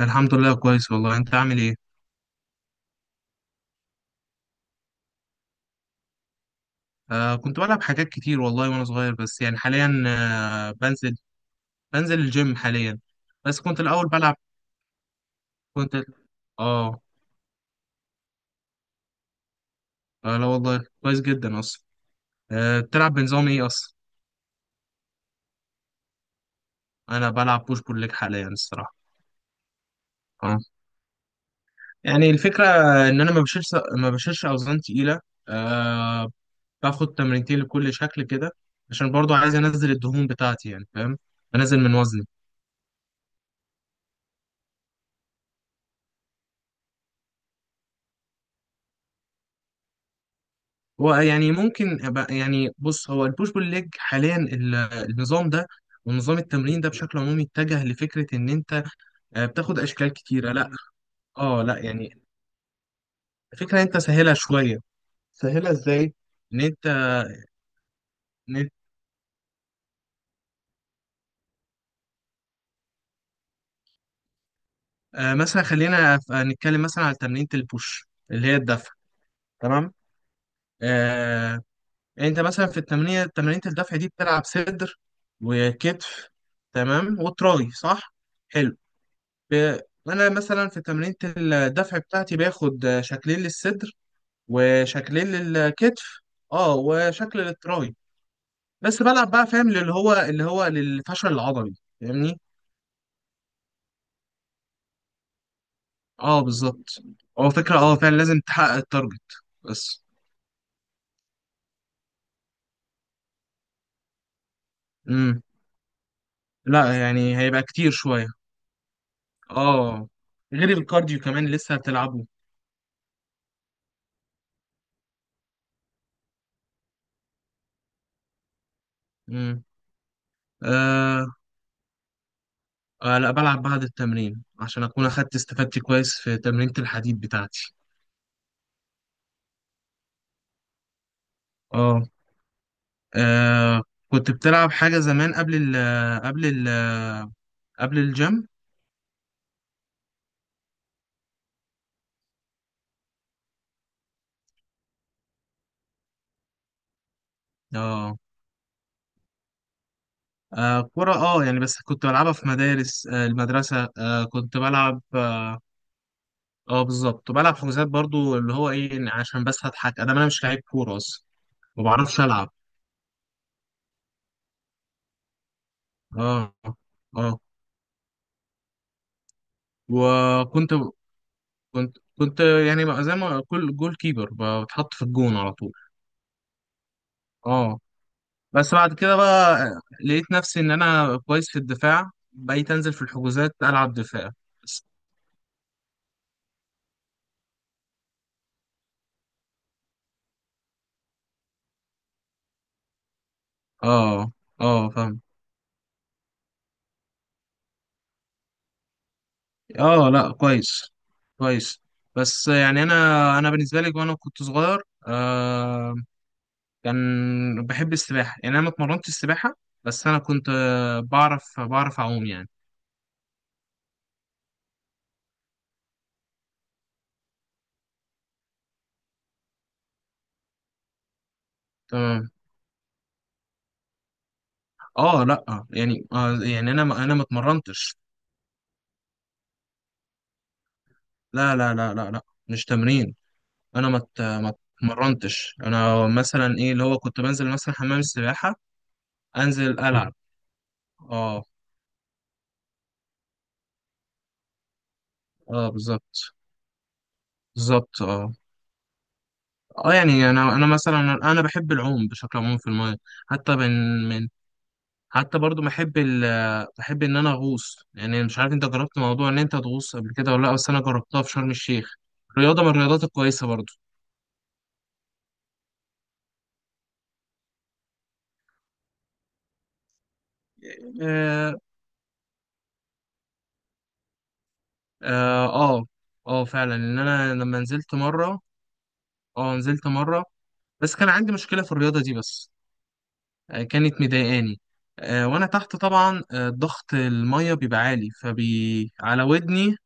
الحمد لله كويس والله. انت عامل ايه؟ كنت بلعب حاجات كتير والله وانا صغير، بس يعني حاليا بنزل الجيم حاليا. بس كنت الاول بلعب. كنت اه لا والله، كويس جدا اصلا. بتلعب بنظام ايه اصلا؟ انا بلعب بوش بول ليج حاليا الصراحه. اه يعني الفكره ان انا ما بشيلش اوزان تقيله. آه باخد تمرينتين لكل شكل كده، عشان برضو عايز انزل الدهون بتاعتي، يعني فاهم، انزل من وزني. هو يعني يعني بص، هو البوش بول ليج حاليا النظام ده ونظام التمرين ده بشكل عمومي اتجه لفكرة ان انت بتاخد اشكال كتيرة. لا. اه لا يعني، فكرة انت سهلها شوية. سهلها ازاي؟ ان انت إن إنت- آه، مثلا خلينا نتكلم مثلا على تمرينة البوش اللي هي الدفع. تمام. آه انت مثلا في تمرينة الدفع دي بتلعب صدر وكتف. تمام وتراي صح. حلو. ب... انا مثلا في تمرينة الدفع بتاعتي باخد شكلين للصدر وشكلين للكتف. اه وشكل للتراي، بس بلعب بقى، فاهم، اللي هو للفشل العضلي. فاهمني؟ اه بالظبط. هو فكرة فعلا لازم تحقق التارجت بس. امم لا يعني هيبقى كتير شوية. اه غير الكارديو كمان لسه هتلعبه. امم آه. لا بلعب بعد التمرين عشان اكون اخدت استفادتي كويس في تمرينة الحديد بتاعتي. اه. آه كنت بتلعب حاجة زمان قبل ال قبل الجيم. اه. كرة يعني، بس كنت بلعبها في مدارس، المدرسة، كنت بلعب بالظبط، كنت بلعب حجوزات برضو، اللي هو ايه، إن عشان بس هضحك، انا مش لعيب كورة اصلا. ما بعرفش العب اه اه وكنت كنت كنت يعني بقى، زي ما كل جول كيبر، بتحط في الجون على طول. اه. بس بعد كده بقى لقيت نفسي ان انا كويس في الدفاع، بقيت انزل في الحجوزات العب دفاع. بس- اه اه فاهم. اه لا، كويس كويس. بس يعني انا بالنسبه لي وانا كنت صغير، كان بحب السباحه، يعني انا ما اتمرنتش السباحه، بس انا كنت بعرف اعوم يعني. تمام. اه لا يعني يعني انا ما اتمرنتش. لا لا لا لا لا، مش تمرين. انا ما ات- ما اتمرنتش، انا مثلا ايه، اللي هو كنت بنزل مثلا حمام السباحه، انزل العب. اه. اه بالظبط بالظبط اه يعني انا مثلا. انا بحب العوم بشكل عام في المايه، حتى من من حتى برضو بحب ان انا اغوص، يعني مش عارف انت جربت موضوع ان انت تغوص قبل كده ولا لا، بس انا جربتها في شرم الشيخ. رياضه من الرياضات الكويسه برضو. اه، اه، اه. فعلا ان انا لما نزلت مره. اه نزلت مره، بس كان عندي مشكلة في الرياضة دي بس. كانت مضايقاني. وانا تحت طبعا، ضغط المية بيبقى عالي، فبي على ودني.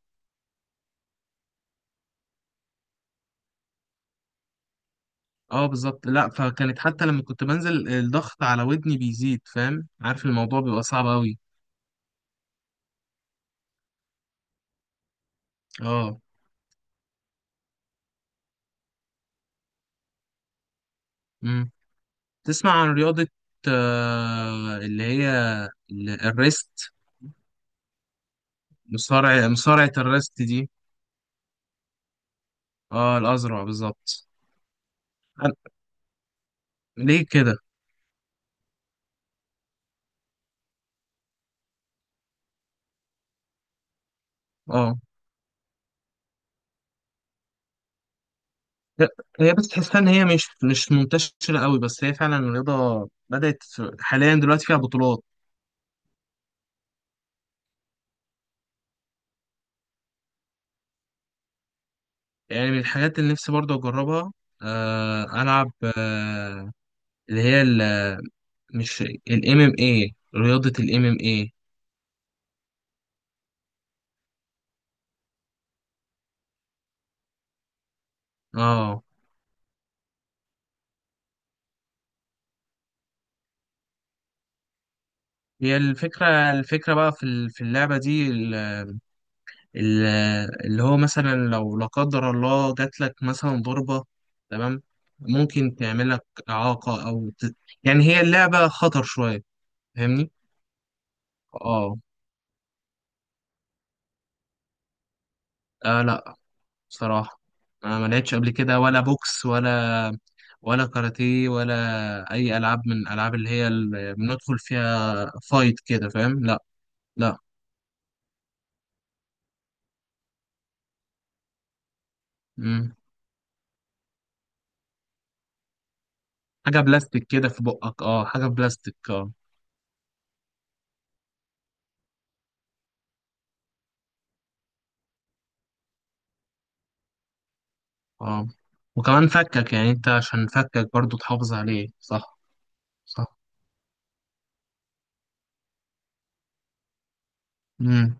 اه بالظبط. لا فكانت، حتى لما كنت بنزل الضغط على ودني بيزيد، فاهم، عارف الموضوع بيبقى صعب قوي. اه امم تسمع عن رياضة اللي هي الريست؟ مصارعة الريست دي. اه الأزرع بالظبط. أنا- ليه كده؟ اه هي هي بس تحسها ان هي مش منتشره قوي، بس هي فعلا الرياضه بدات حاليا دلوقتي فيها بطولات. يعني من الحاجات اللي نفسي برضه اجربها، العب، آه اللي هي ال- مش الام ام اي، رياضه الام ام اي. اه هي الفكره، بقى في اللعبه دي ال- اللي هو مثلا لو لا قدر الله جات لك مثلا ضربه، تمام، ممكن تعمل لك اعاقه يعني هي اللعبه خطر شويه، فاهمني. اه لا بصراحة أنا ما لعبتش قبل كده، ولا بوكس، ولا كاراتيه، ولا أي ألعاب من الألعاب اللي بندخل فيها فايت كده، فاهم. لا. لا. مم. حاجة بلاستيك كده في بقك، حاجة بلاستيك. اه. اه وكمان فكك، يعني أنت عشان فكك برضو تحافظ عليه صح. صح. مم.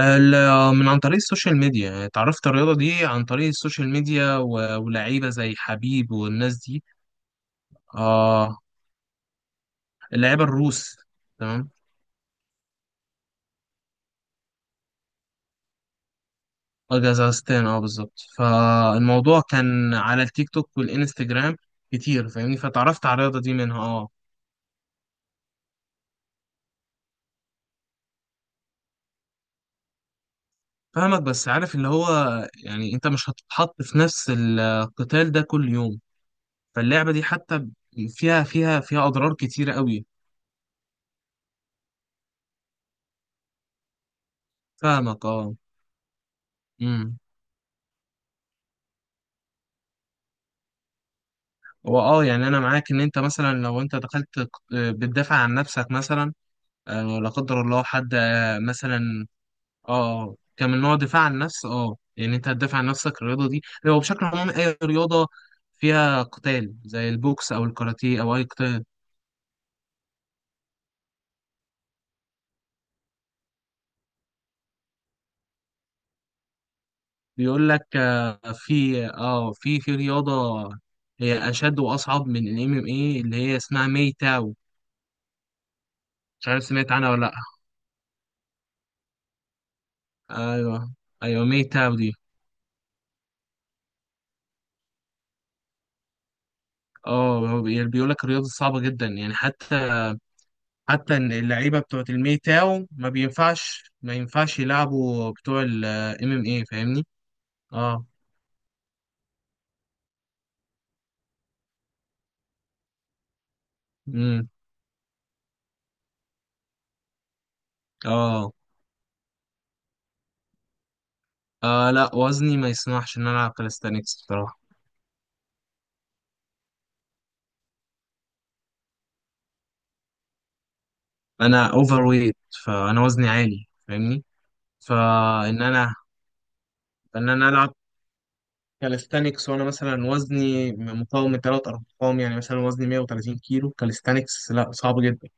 من عن طريق السوشيال ميديا، يعني اتعرفت الرياضة دي عن طريق السوشيال ميديا ولاعيبة زي حبيب والناس دي. اه اللعيبة الروس. تمام. جزازتين. اه بالظبط، فالموضوع كان على التيك توك والانستجرام كتير، فاهمني، فتعرفت على الرياضة دي منها اه. فاهمك، بس عارف اللي هو، يعني انت مش هتتحط في نفس القتال ده كل يوم، فاللعبة دي حتى فيها اضرار كتيرة قوي. فاهمك. اه امم هو يعني انا معاك، ان انت مثلا لو انت دخلت ق- آه، بتدافع عن نفسك مثلا، لا قدر الله حد مثلا، اه كان من نوع دفاع عن النفس. اه يعني انت هتدافع عن نفسك، الرياضه دي هو بشكل عام اي رياضه فيها قتال زي البوكس او الكاراتيه او اي قتال. بيقول لك آه، في اه في في رياضه هي اشد واصعب من الام ام اي، اللي هي اسمها ماي تاو، مش عارف سمعت عنها ولا لا. ايوه، ايوه، ماي تاو دي. اه هو بيقول لك الرياضه صعبه جدا يعني، حتى حتى إن اللعيبه بتوعت الماي تاو ما بينفعش ما ينفعش يلعبوا بتوع الام ام اي، فاهمني. اه امم اه لا وزني ما يسمحش ان انا العب كاليستانكس بصراحه، انا اوفر ويت، فانا وزني عالي، فاهمني. فان انا العب كاليستانكس وانا مثلا وزني مقاوم من ثلاث ارقام، يعني مثلا وزني 130 كيلو، كاليستانكس لا، صعب جدا.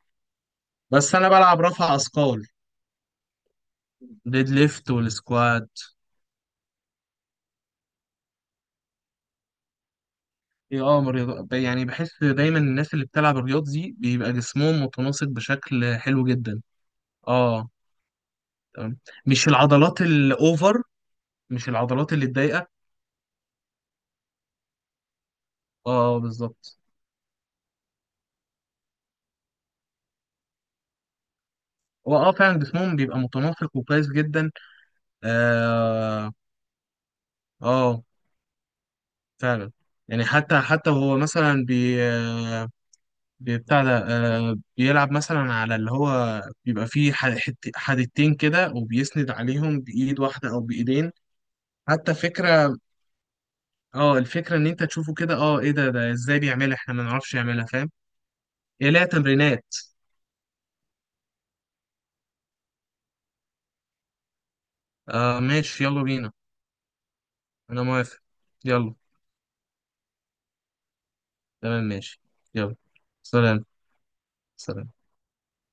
بس انا بلعب رفع اثقال ديد ليفت والسكواد. إيه، يعني بحس دايما الناس اللي بتلعب الرياض دي بيبقى جسمهم متناسق بشكل حلو جدا. اه تمام. مش العضلات الاوفر، مش العضلات اللي اتضايقه. اه بالظبط. هو فعلا جسمهم بيبقى متناسق وكويس جدا. اه، اه، فعلا. يعني حتى وهو مثلا بتاع ده، بيلعب مثلا على اللي هو بيبقى فيه حدتين كده، وبيسند عليهم بإيد واحدة أو بإيدين. حتى فكرة، اه الفكرة إن أنت تشوفه كده، اه إيه ده إزاي بيعملها، إحنا ما نعرفش يعملها، فاهم؟ إيه لها تمرينات. ماشي، يلا بينا. أنا موافق. يلا تمام ماشي. يلا سلام. سلام.